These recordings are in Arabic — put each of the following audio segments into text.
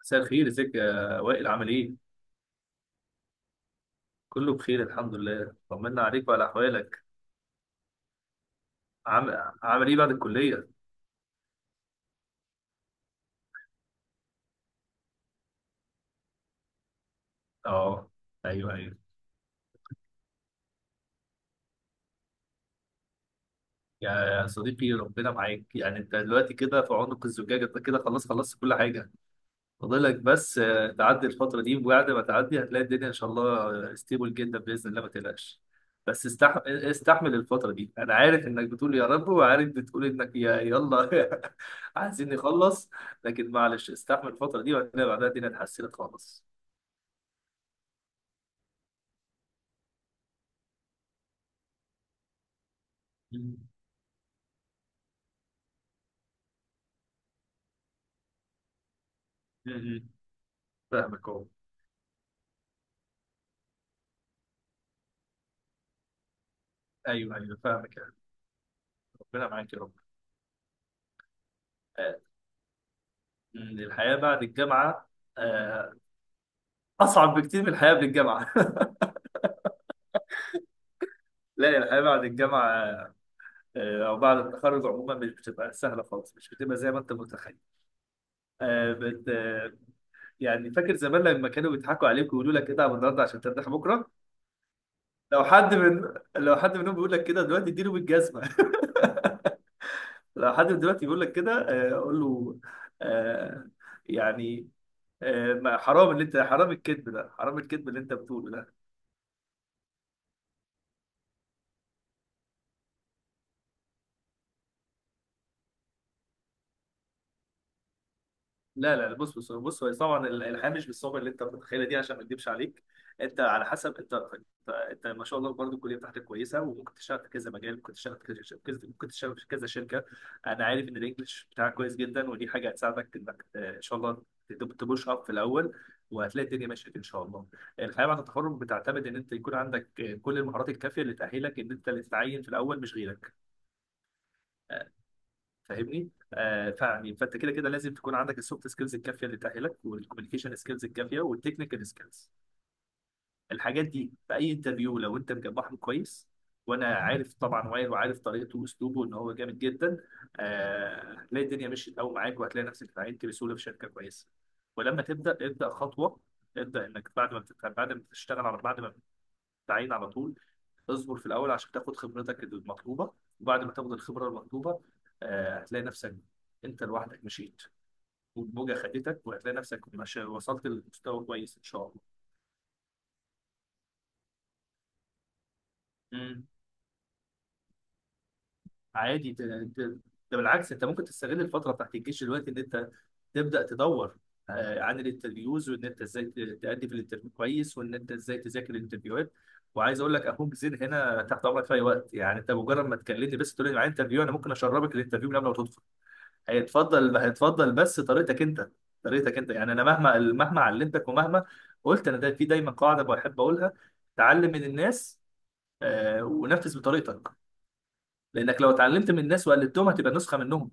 مساء الخير، ازيك يا وائل؟ عامل ايه؟ كله بخير الحمد لله، طمنا عليك وعلى احوالك. عامل ايه بعد الكلية؟ اه. ايوه، ايوه. يا صديقي ربنا معاك، يعني انت دلوقتي كده في عنق الزجاجة، انت كده خلاص خلصت كل حاجة، فاضلك بس. تعدي الفترة دي وبعد ما تعدي هتلاقي الدنيا إن شاء الله ستيبل جدا بإذن الله، ما تقلقش. بس استح... آه، استحمل الفترة دي. أنا عارف إنك بتقول يا رب، وعارف بتقول إنك يا يلا عايزين نخلص، لكن معلش استحمل الفترة دي وهتلاقي بعدها الدنيا اتحسنت خالص. مم. مم. فاهمك أهو. أيوه، أيوه، فاهمك يعني. ربنا معاك يا رب. آه، الحياة بعد الجامعة آه، أصعب بكتير من الحياة قبل الجامعة. لا، الحياة بعد الجامعة، او بعد التخرج عموما، مش بتبقى سهله خالص، مش بتبقى زي ما انت متخيل. آه، بت آه، يعني فاكر زمان لما كانوا بيضحكوا عليك ويقولوا لك اتعب النهارده عشان ترتاح بكره؟ لو حد من لو حد منهم بيقول لك كده دلوقتي اديله بالجزمه. لو حد من دلوقتي بيقول لك كده قول له، آه، يعني حرام اللي انت، حرام الكذب ده، حرام الكذب اللي انت بتقوله ده. لا لا، بص بص بص، هو طبعا الحياه مش بالصعوبه اللي انت متخيلها دي، عشان ما اكدبش عليك. انت على حسب انت ما شاء الله برضه الكليه بتاعتك كويسه، وممكن تشتغل في كذا مجال، ممكن تشتغل في ممكن تشتغل في كذا شركه. انا عارف ان الانجليش بتاعك كويس جدا، ودي حاجه هتساعدك انك ان شاء الله تبوش اب في الاول، وهتلاقي الدنيا مشيت ان شاء الله. الحياه بعد التخرج بتعتمد ان انت يكون عندك كل المهارات الكافيه اللي تاهلك ان انت اللي تتعين في الاول مش غيرك. فاهمني؟ آه فعني فانت كده كده لازم تكون عندك السوفت سكيلز الكافيه اللي تاهلك، والكوميونيكيشن سكيلز الكافيه، والتكنيكال سكيلز. الحاجات دي في اي انترفيو لو انت مجمعهم كويس، وانا عارف طبعا وائل، وعارف طريقته واسلوبه ان هو جامد جدا، آه، هتلاقي الدنيا مشيت قوي معاك، وهتلاقي نفسك اتعينت بسهوله في شركه كويسه. ولما تبدا ابدا خطوه، ابدا انك بعد ما بعد ما تشتغل، بعد ما تتعين على طول، اصبر في الاول عشان تاخد خبرتك المطلوبه. وبعد ما تاخد الخبره المطلوبه، هتلاقي نفسك انت لوحدك مشيت، والموجه خدتك، وهتلاقي نفسك مش وصلت لمستوى كويس ان شاء الله. مم. عادي، ده بالعكس، انت ممكن تستغل الفتره بتاعت الجيش دلوقتي، ان انت تبدا تدور عن الانترفيوز، وان انت ازاي تأدي في الانترفيو كويس، وان انت ازاي تذاكر الانترفيوهات. وعايز اقول لك، اخوك زين هنا تحت امرك في اي وقت، يعني انت مجرد ما تكلمني بس تقول لي معايا انترفيو، انا ممكن اشربك الانترفيو من قبل ما تدخل. هيتفضل هيتفضل بس طريقتك انت، طريقتك انت، يعني انا مهما مهما علمتك ومهما قلت، انا ده في دايما قاعده بحب اقولها: تعلم من الناس، ونفذ بطريقتك، لانك لو اتعلمت من الناس وقلدتهم هتبقى نسخه منهم.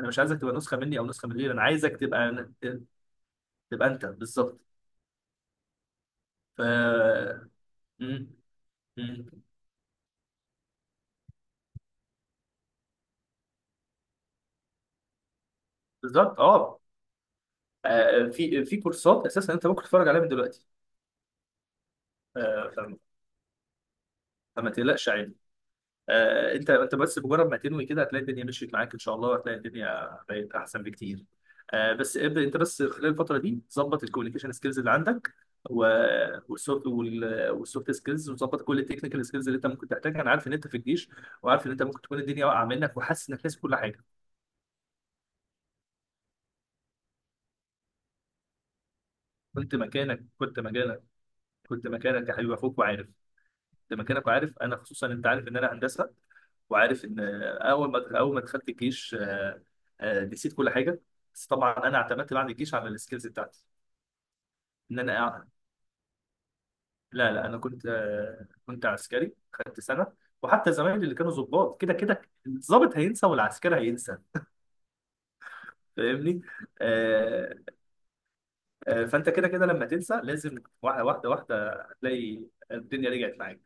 انا مش عايزك تبقى نسخه مني او نسخه من غيري، انا عايزك تبقى انت بالظبط ف م- م- بالظبط اه. في كورسات اساسا انت ممكن تتفرج عليها من دلوقتي. آه، فما فما تقلقش. انت بس بمجرد ما تنوي كده، هتلاقي الدنيا مشيت معاك ان شاء الله، وهتلاقي الدنيا بقت احسن بكتير. بس ابدا انت بس خلال الفتره دي ظبط الكوميونيكيشن سكيلز اللي عندك، والسوفت سكيلز، وظبط كل التكنيكال سكيلز اللي انت ممكن تحتاجها. انا عارف ان انت في الجيش، وعارف ان انت ممكن تكون الدنيا واقعه منك وحاسس انك ناسي كل حاجه. كنت مكانك، كنت مكانك، كنت مكانك يا حبيبي، اخوك وعارف، زي ما كانك عارف. انا خصوصا انت عارف ان انا هندسه، وعارف ان اول ما دخلت الجيش، نسيت كل حاجه. بس طبعا انا اعتمدت بعد الجيش على السكيلز بتاعتي، ان انا أع- لا لا، انا كنت عسكري خدت سنه. وحتى زمايلي اللي كانوا ضباط، كده كده الضابط هينسى والعسكري هينسى. فاهمني. آه، فانت كده كده لما تنسى لازم، واحده واحده واحده هتلاقي الدنيا رجعت معاك.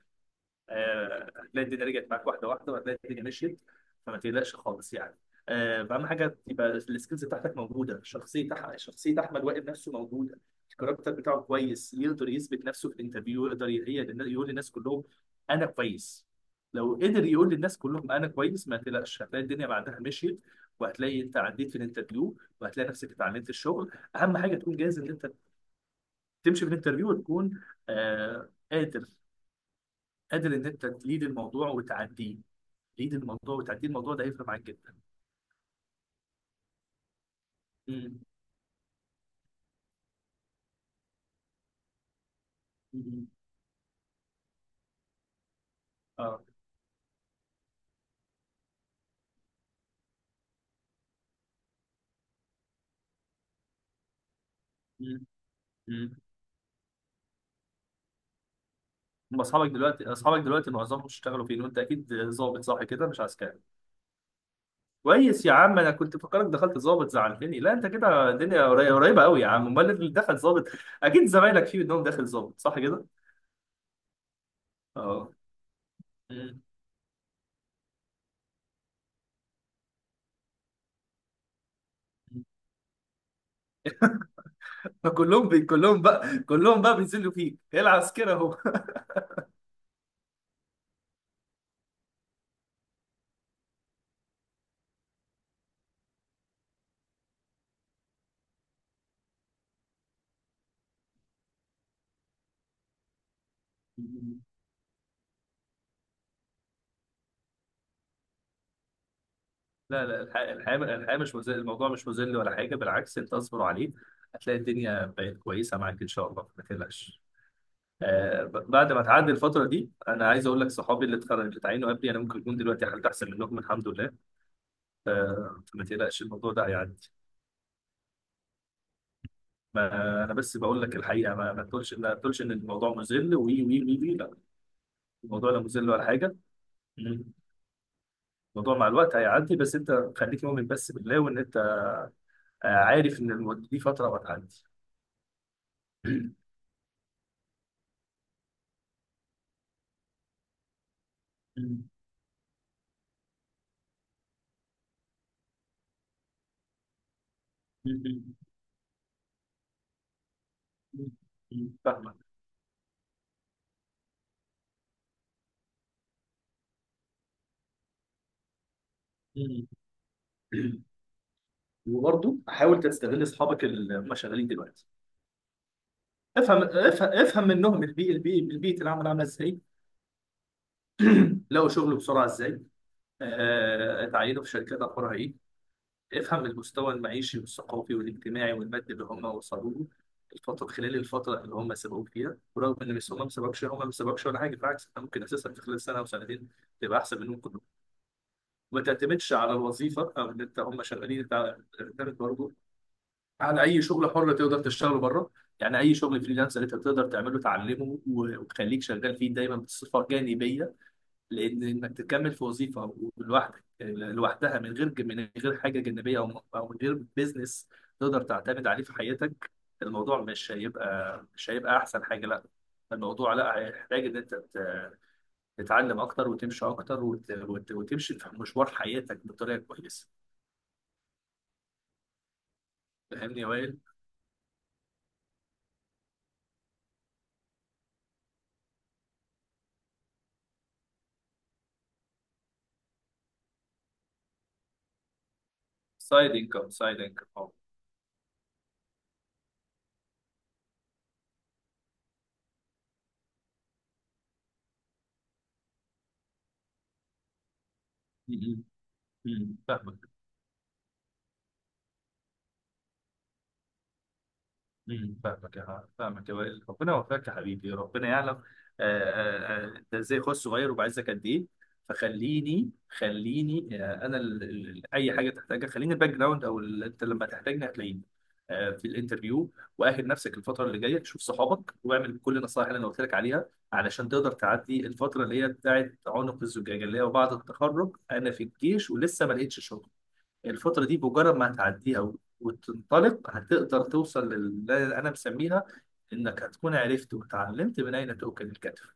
هتلاقي الدنيا رجعت معاك واحده واحده، وهتلاقي الدنيا مشيت. فما تقلقش خالص يعني. اهم حاجه تبقى السكيلز بتاعتك موجوده، شخصيه شخصيه احمد وائل نفسه موجوده، الكاركتر بتاعه كويس، يقدر يثبت نفسه في الانترفيو، يقول للناس كلهم انا كويس. لو قدر يقول للناس كلهم انا كويس، ما تقلقش هتلاقي الدنيا بعدها مشيت، وهتلاقي انت عديت في الانترفيو، وهتلاقي نفسك اتعلمت الشغل. اهم حاجه تكون جاهز ان انت تمشي في الانترفيو، وتكون آه قادر، قادر ان انت تليد الموضوع وتعديه. تليد الموضوع وتعديه، الموضوع ده هيفرق معاك جدا. امم. امم. اه. امم. امم. أما اصحابك دلوقتي، اصحابك دلوقتي معظمهم اشتغلوا فين؟ وانت اكيد ظابط صح كده، مش عسكري؟ كويس يا عم، انا كنت فكرك دخلت ظابط زعلتني، لا انت كده الدنيا قريبه قوي يا عم. امال اللي دخل ظابط؟ اكيد زمايلك فيه منهم داخل ظابط صح كده؟ اه. أمم. فكلهم كلهم بقى بينزلوا فيك العسكري اهو. لا لا، الحياة، الحياة مش مذل، الموضوع مش مذل ولا حاجة، بالعكس أنت اصبر عليه، هتلاقي الدنيا بقت كويسة معاك إن شاء الله، ما تقلقش. بعد ما تعدي الفترة دي أنا عايز أقول لك، صحابي اللي اتخرجوا، اللي اتعينوا قبلي، أنا ممكن يكون دلوقتي حالتي أحسن منهم الحمد لله. آه فما تقلقش، الموضوع ده هيعدي. ما أنا بس بقول لك الحقيقة، ما تقولش إن الموضوع مذل وي وي وي وي لا، الموضوع لا مذل ولا حاجة. مم. الموضوع مع الوقت هيعدي، بس أنت خليك مؤمن بس بالله، وإن أنت عارف إن دي فترة وهتعدي. مم. مم. مم. فاهمك. مم. وبرضه حاول تستغل اصحابك اللي هم شغالين دلوقتي. افهم افهم افهم منهم البيئه، العمل عامله ازاي؟ لقوا شغل بسرعه ازاي؟ اتعينوا في شركات اخبارها ايه؟ افهم المستوى المعيشي والثقافي والاجتماعي والمادي اللي هم وصلوا له خلال الفتره اللي هم سبقوك فيها. ورغم ان مش، هم ما سبقوش ولا حاجه، بالعكس انت ممكن اساسا في خلال سنه او سنتين تبقى احسن منهم كلهم. ما تعتمدش على الوظيفه او ان انت هم شغالين، انت تعتمد برضه على اي شغل حر تقدر تشتغله بره، يعني اي شغل فريلانس اللي انت تقدر تعمله تعلمه، وتخليك شغال فيه دايما بصفه جانبيه. لان انك تكمل في وظيفه لوحدك لوحدها، من غير من غير حاجه جانبيه، او من غير بيزنس تقدر تعتمد عليه في حياتك، الموضوع مش هيبقى، مش هيبقى احسن حاجه. لا، الموضوع لا، هيحتاج ان انت تتعلم اكتر وتمشي اكتر، وتمشي في مشوار حياتك بطريقه كويسه. فاهمني يا وائل؟ سايد انكم، سايد انكم. فاهمك. فاهمك يا وائل، ربنا يوفقك يا حبيبي، ربنا يعلم انت ازاي اخويا الصغير، وبعزك قد ايه. فخليني خليني، انا اي حاجه تحتاجها خليني، الباك جراوند او انت لما تحتاجني هتلاقيني في الانترفيو. واهل نفسك الفتره اللي جايه، شوف صحابك، واعمل كل النصائح اللي انا قلت لك عليها، علشان تقدر تعدي الفتره اللي هي بتاعت عنق الزجاجه، اللي هي بعد التخرج: انا في الجيش ولسه ما لقيتش شغل. الفترة دي بمجرد ما هتعديها، وتنطلق، هتقدر توصل للي أنا مسميها، إنك هتكون عرفت وتعلمت من أين تؤكل الكتف.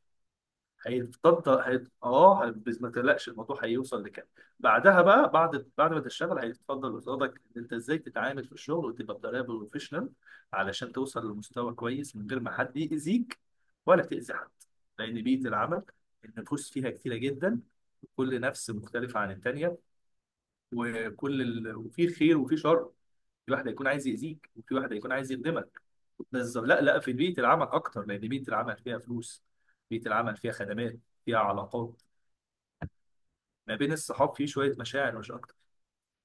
هيتفضل هيت... اه هي- بس ما تقلقش، الموضوع هيوصل لكده. بعدها بقى، بعد ما تشتغل، هيتفضل قصادك ان انت ازاي تتعامل في الشغل، وتبقى بطريقه بروفيشنال، علشان توصل لمستوى كويس من غير ما حد يأذيك ولا تأذي حد. لان بيئه العمل النفوس فيها كتيره جدا، كل نفس مختلفه عن التانيه، وفي خير وفي شر، في واحد هيكون عايز يأذيك، وفي واحد هيكون عايز يخدمك. بس لا لا، في بيئة العمل أكتر، لأن بيئة العمل فيها فلوس، بيئة العمل فيها خدمات، فيها علاقات. ما بين الصحاب في شوية مشاعر مش أكتر،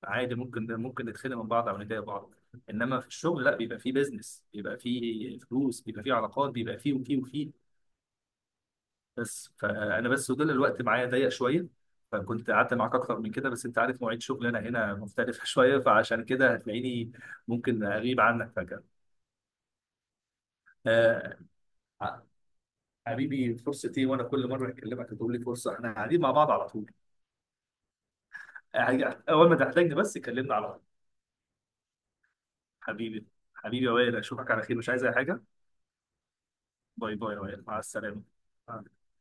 عادي ممكن نتخانق من بعض أو نضايق بعض، إنما في الشغل لا، بيبقى فيه بيزنس، بيبقى فيه فلوس، بيبقى فيه علاقات، بيبقى فيه وفيه وفيه. بس، فانا بس وجل الوقت معايا ضيق شويه، فكنت قعدت معاك اكتر من كده، بس انت عارف مواعيد شغلي انا هنا مختلفه شويه، فعشان كده هتلاقيني ممكن اغيب عنك فجاه. آه، حبيبي فرصتي، وانا كل مره اكلمك هتقول لي فرصه، احنا قاعدين مع بعض على طول. اول ما تحتاجني بس كلمني على طول. حبيبي، حبيبي يا وائل، اشوفك على خير، مش عايز اي حاجه. باي باي يا وائل، مع السلامه. آه.